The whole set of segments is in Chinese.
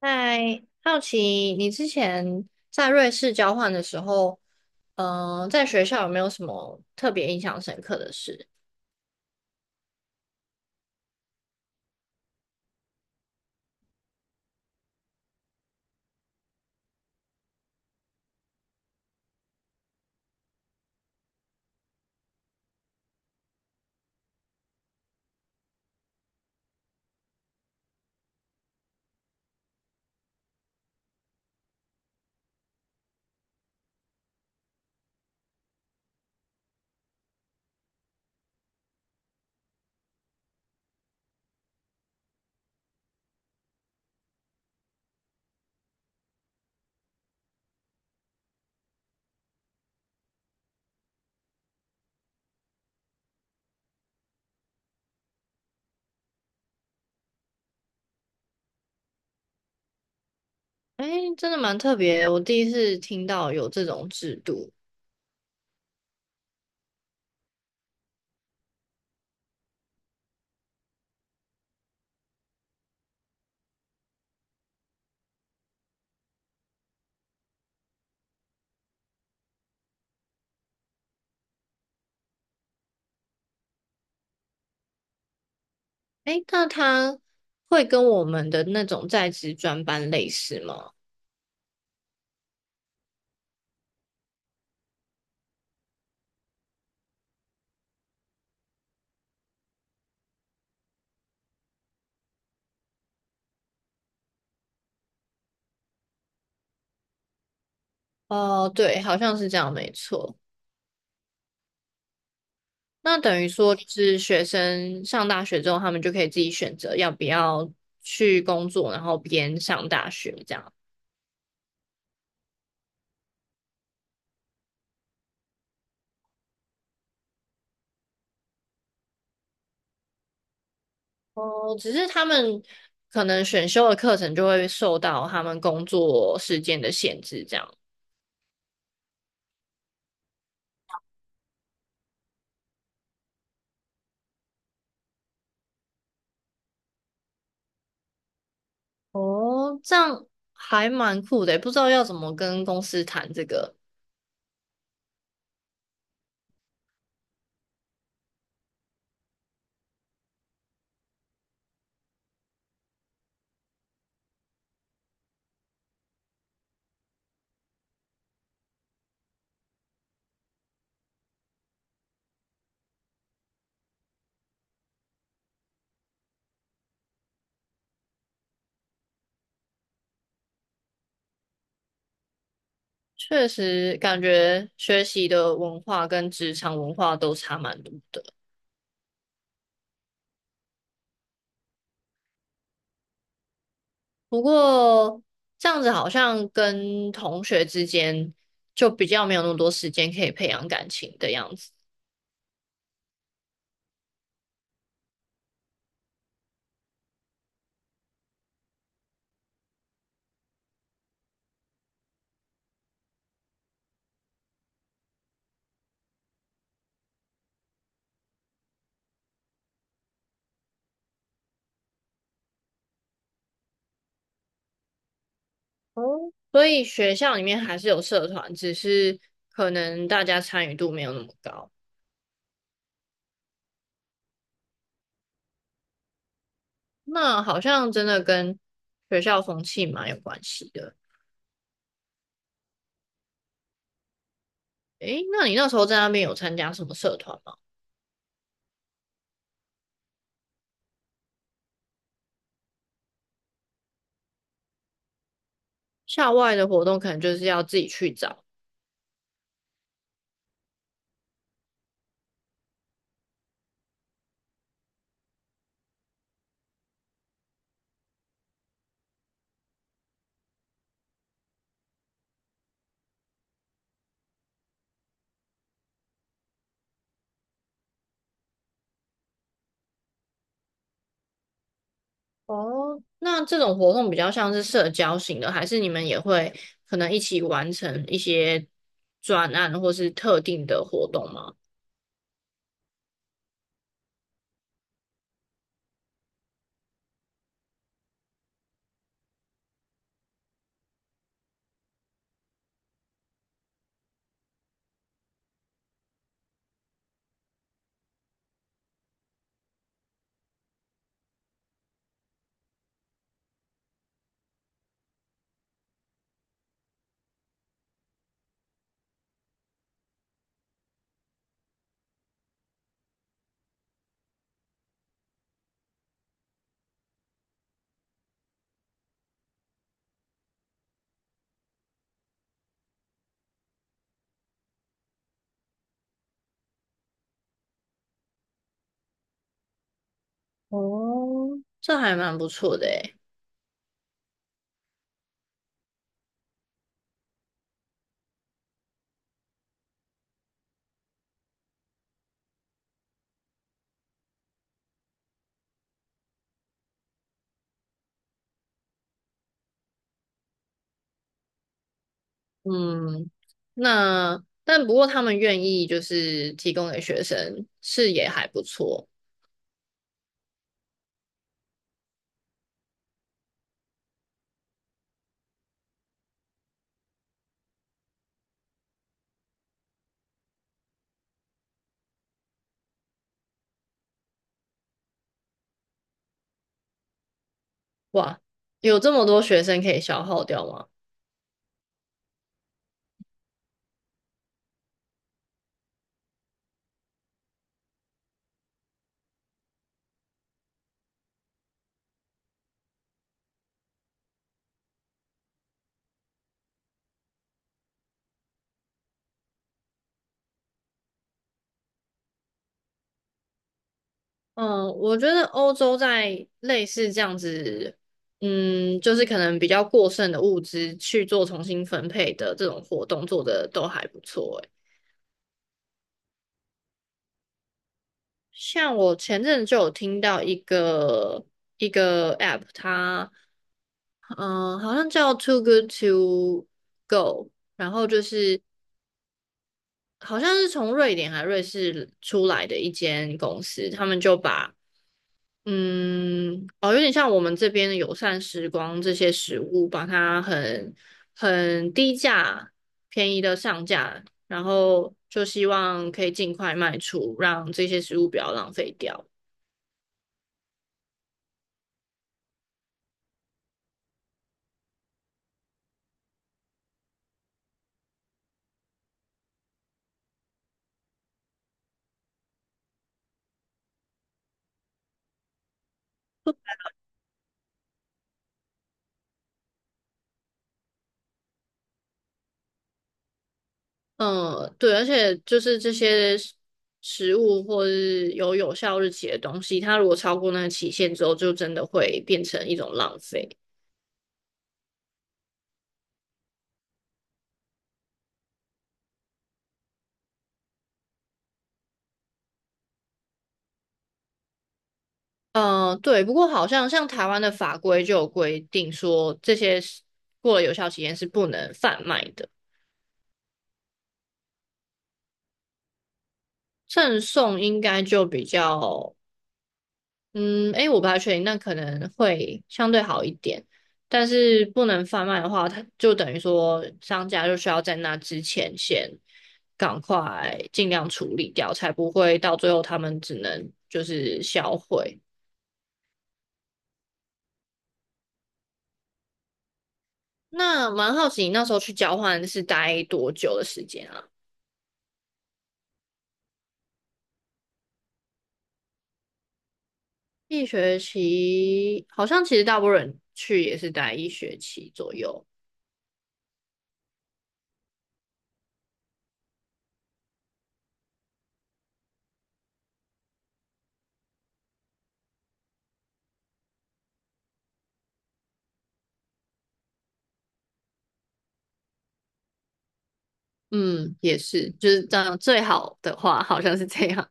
嗨，好奇你之前在瑞士交换的时候，在学校有没有什么特别印象深刻的事？哎，真的蛮特别的我第一次听到有这种制度。哎，那他会跟我们的那种在职专班类似吗？哦，对，好像是这样，没错。那等于说，就是学生上大学之后，他们就可以自己选择要不要去工作，然后边上大学这样。哦，只是他们可能选修的课程就会受到他们工作时间的限制，这样。哦，这样还蛮酷的欸，不知道要怎么跟公司谈这个。确实，感觉学习的文化跟职场文化都差蛮多的。不过这样子好像跟同学之间就比较没有那么多时间可以培养感情的样子。哦，所以学校里面还是有社团，只是可能大家参与度没有那么高。那好像真的跟学校风气蛮有关系的。诶，那你那时候在那边有参加什么社团吗？校外的活动可能就是要自己去找。哦，那这种活动比较像是社交型的，还是你们也会可能一起完成一些专案或是特定的活动吗？哦，这还蛮不错的诶。嗯，那但不过他们愿意就是提供给学生，是也还不错。哇，有这么多学生可以消耗掉吗？嗯，我觉得欧洲在类似这样子，嗯，就是可能比较过剩的物资去做重新分配的这种活动做的都还不错欸。像我前阵就有听到一个 app，它好像叫 Too Good to Go，然后就是好像是从瑞典还瑞士出来的一间公司，他们就把嗯哦有点像我们这边的友善时光这些食物，把它很低价便宜的上架，然后就希望可以尽快卖出，让这些食物不要浪费掉。嗯，对，而且就是这些食物或是有效日期的东西，它如果超过那个期限之后，就真的会变成一种浪费。嗯，对，不过好像像台湾的法规就有规定说，这些是过了有效期限是不能贩卖的，赠送应该就比较嗯，诶，我不太确定，那可能会相对好一点，但是不能贩卖的话，它就等于说商家就需要在那之前先赶快尽量处理掉，才不会到最后他们只能就是销毁。那蛮好奇，你那时候去交换是待多久的时间啊？一学期，好像其实大部分人去也是待一学期左右。嗯，也是，就是这样，最好的话好像是这样。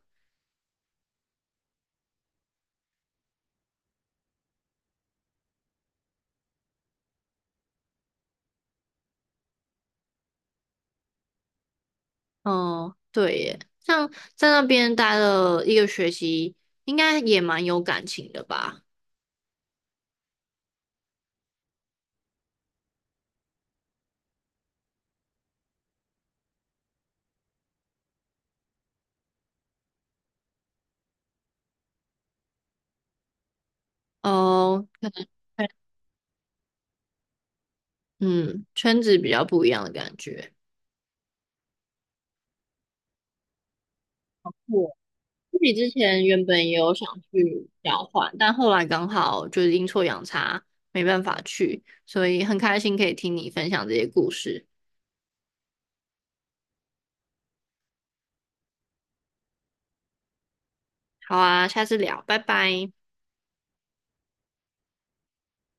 哦，对耶，像在那边待了一个学期，应该也蛮有感情的吧？哦，可能嗯，圈子比较不一样的感觉。我自己之前原本也有想去交换，但后来刚好就是阴错阳差，没办法去，所以很开心可以听你分享这些故事。好啊，下次聊，拜拜。